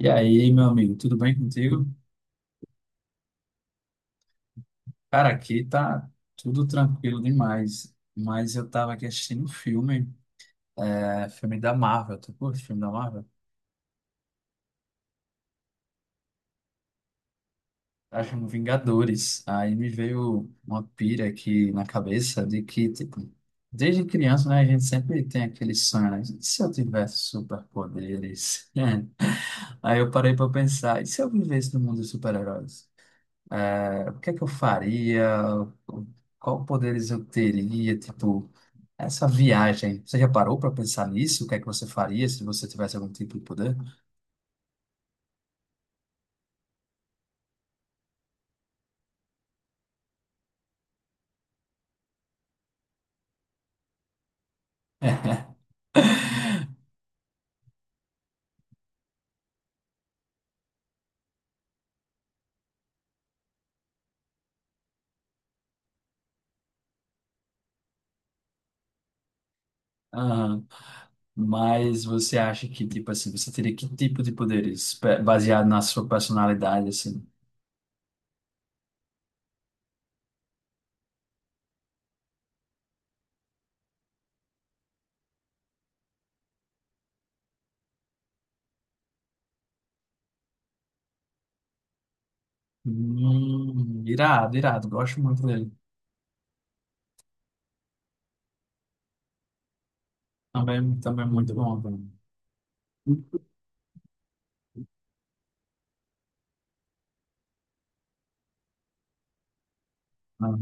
E aí, meu amigo, tudo bem contigo? Cara, aqui tá tudo tranquilo demais, mas eu tava aqui assistindo um filme, filme da Marvel, tu curte filme da Marvel? Tá chamando Vingadores, aí me veio uma pira aqui na cabeça de que, tipo, desde criança, né, a gente sempre tem aquele sonho, né? E se eu tivesse superpoderes? Aí eu parei pra pensar, e se eu vivesse no mundo dos super-heróis? O que é que eu faria? Qual poderes eu teria, tipo. Essa viagem, você já parou para pensar nisso? O que é que você faria se você tivesse algum tipo de poder? Aham. Mas você acha que, tipo assim, você teria que tipo de poderes baseado na sua personalidade, assim? Irado, irado, gosto muito dele. Também, também muito bom, velho. Ah,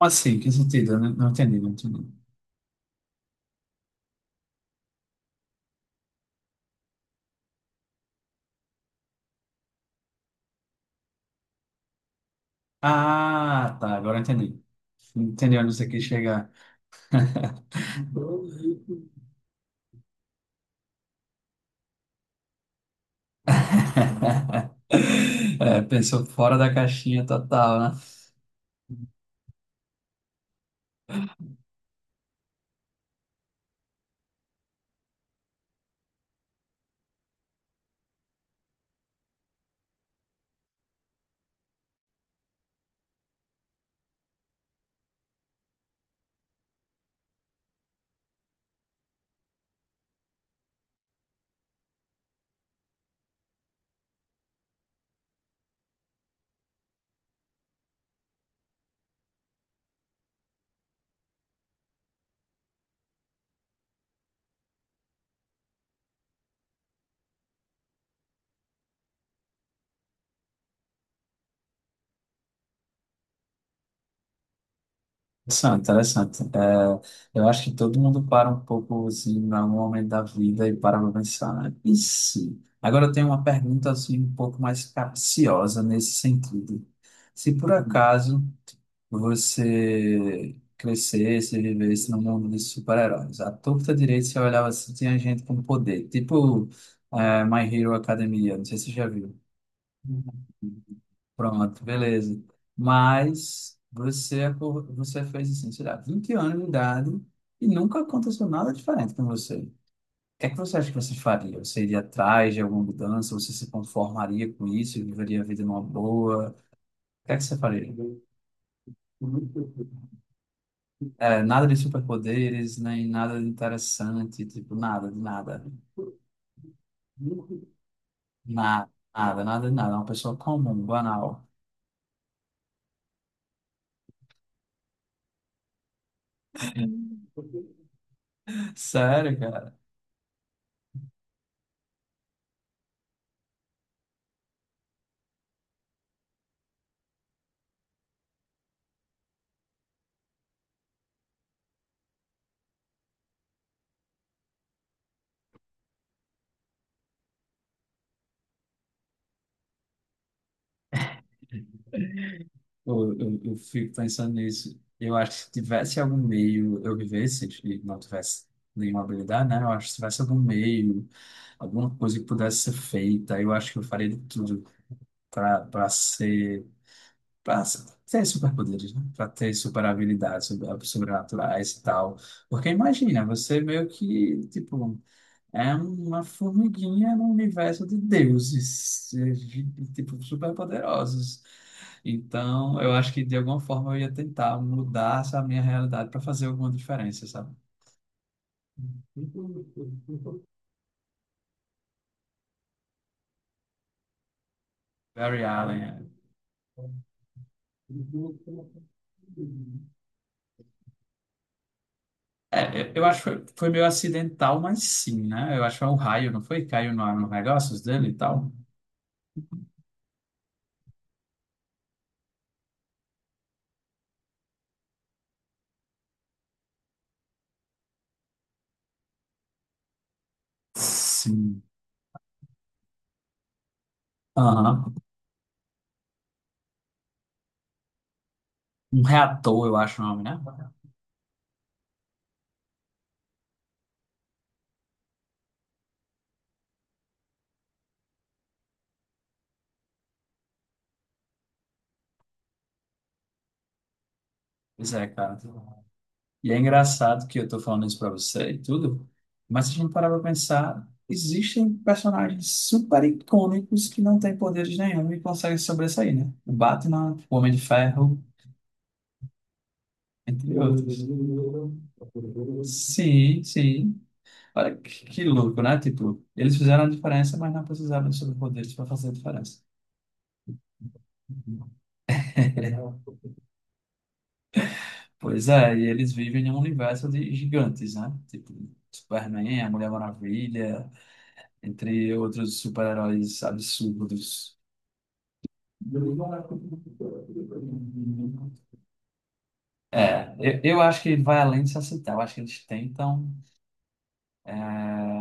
assim, que sentido? Eu Não, não entendi, não entendi. Ah, tá, agora eu entendi. Entendi onde você quis chegar. É, pensou fora da caixinha total, né? Interessante, interessante. É, eu acho que todo mundo para um pouco assim, em algum momento da vida e para pra pensar, né? E se? Agora eu tenho uma pergunta assim, um pouco mais capciosa nesse sentido. Se por acaso você crescesse, vivesse no mundo de super-heróis, à torta direita você olhava assim, tinha gente com poder, tipo My Hero Academia, não sei se você já viu. Pronto, beleza. Mas você, você fez assim, sei lá, 20 anos de idade e nunca aconteceu nada diferente com você. O que é que você acha que você faria? Você iria atrás de alguma mudança? Você se conformaria com isso? Viveria a vida numa boa? O que é que você faria? É, nada de superpoderes, nem nada de interessante, tipo, nada, de nada. Nada, nada, nada, de nada. É. Uma pessoa comum, banal. Sério, eu fico pensando nisso. Eu acho que se tivesse algum meio, eu vivesse e não tivesse nenhuma habilidade, né? Eu acho que se tivesse algum meio, alguma coisa que pudesse ser feita, eu acho que eu faria de tudo para ser para ter superpoderes, né? Para ter super habilidades sobrenaturais e tal. Porque imagina, você meio que tipo é uma formiguinha no universo de deuses, tipo, super poderosos. Então, eu acho que de alguma forma eu ia tentar mudar essa minha realidade para fazer alguma diferença, sabe? Barry Allen. É, eu acho que foi, foi meio acidental, mas sim, né? Eu acho que foi um raio, não foi? Caiu no negócios dele e tal. Sim. Aham. Um reator, eu acho o nome, né? Pois é, cara. E é engraçado que eu tô falando isso pra você e tudo, mas se a gente parar pra pensar, existem personagens super icônicos que não têm poderes nenhum e conseguem sobressair, né? O Batman, o Homem de Ferro, entre outros. Sim, sim. Olha que louco, né? Tipo, eles fizeram a diferença, mas não precisavam de superpoderes para fazer a diferença. Pois é, e eles vivem em um universo de gigantes, né? Tipo, Superman, a Mulher Maravilha, entre outros super-heróis absurdos. É, eu acho que vai além de se aceitar. Eu acho que eles tentam. é,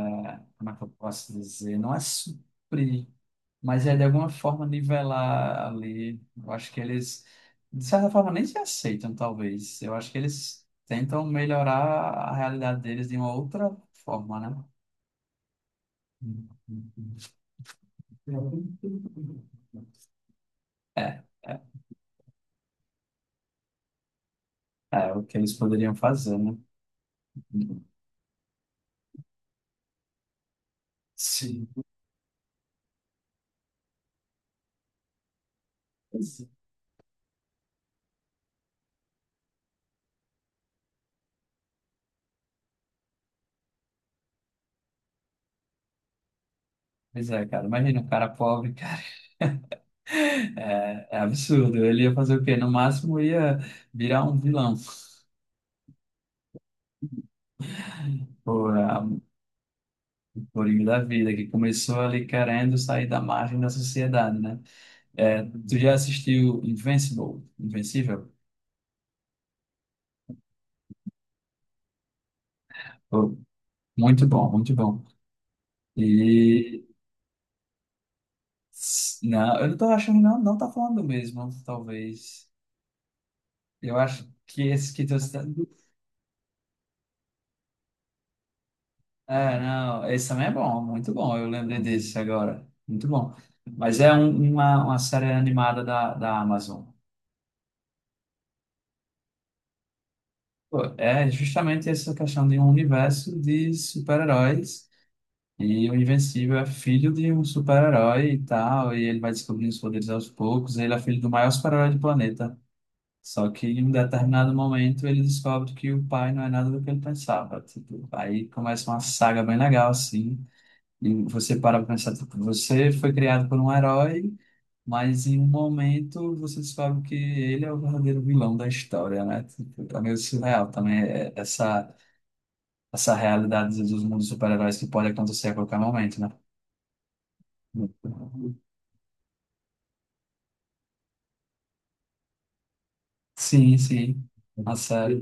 como é que eu posso dizer? Não é suprir, mas é de alguma forma nivelar ali. Eu acho que eles, de certa forma, nem se aceitam, talvez. Eu acho que eles tentam melhorar a realidade deles de uma outra forma, né? É, é o que eles poderiam fazer, né? Sim. Pois é, cara. Imagina um cara pobre, cara. É, é absurdo. Ele ia fazer o quê? No máximo ia virar um vilão. Pô, a Coringa da Vida, que começou ali querendo sair da margem da sociedade, né? É, tu já assistiu Invincible? Invencível? Pô, muito bom, muito bom. E não, eu não tô achando, não, não tá falando do mesmo, talvez. Eu acho que esse que tu está. É, não, esse também é bom, muito bom. Eu lembrei desse agora. Muito bom. Mas é uma série animada da Amazon. Pô, é justamente essa questão de um universo de super-heróis. E o Invencível é filho de um super-herói e tal, e ele vai descobrindo os poderes aos poucos. Ele é filho do maior super-herói do planeta. Só que em um determinado momento ele descobre que o pai não é nada do que ele pensava. Tipo, aí começa uma saga bem legal, assim. E você para pra pensar, tipo, você foi criado por um herói, mas em um momento você descobre que ele é o verdadeiro vilão da história, né? Tipo, é meio surreal também essa, essa realidade dos mundos super-heróis que pode acontecer a qualquer momento, né? Sim, sim. A série.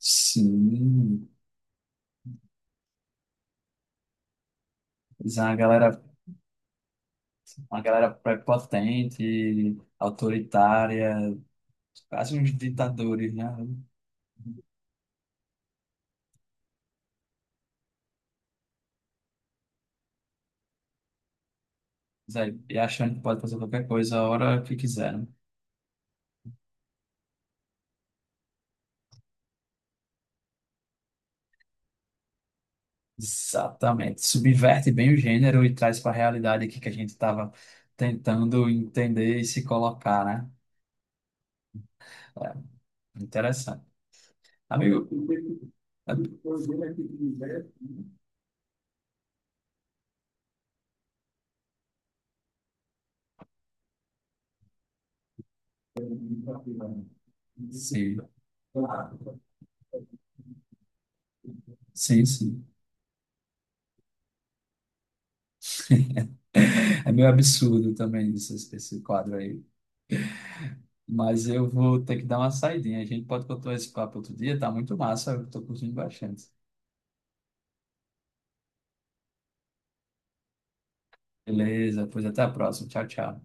Sim. Mas é uma galera prepotente, autoritária, quase uns ditadores, né? Mas aí, e achando que pode fazer qualquer coisa a hora que quiser, né? Exatamente. Subverte bem o gênero e traz para a realidade aqui que a gente estava tentando entender e se colocar, né? É, interessante. Amigo, sim, sim, sim. É meio absurdo também isso, esse quadro aí. Mas eu vou ter que dar uma saidinha. A gente pode continuar esse papo outro dia, tá muito massa, eu tô curtindo bastante. Beleza, pois até a próxima. Tchau, tchau.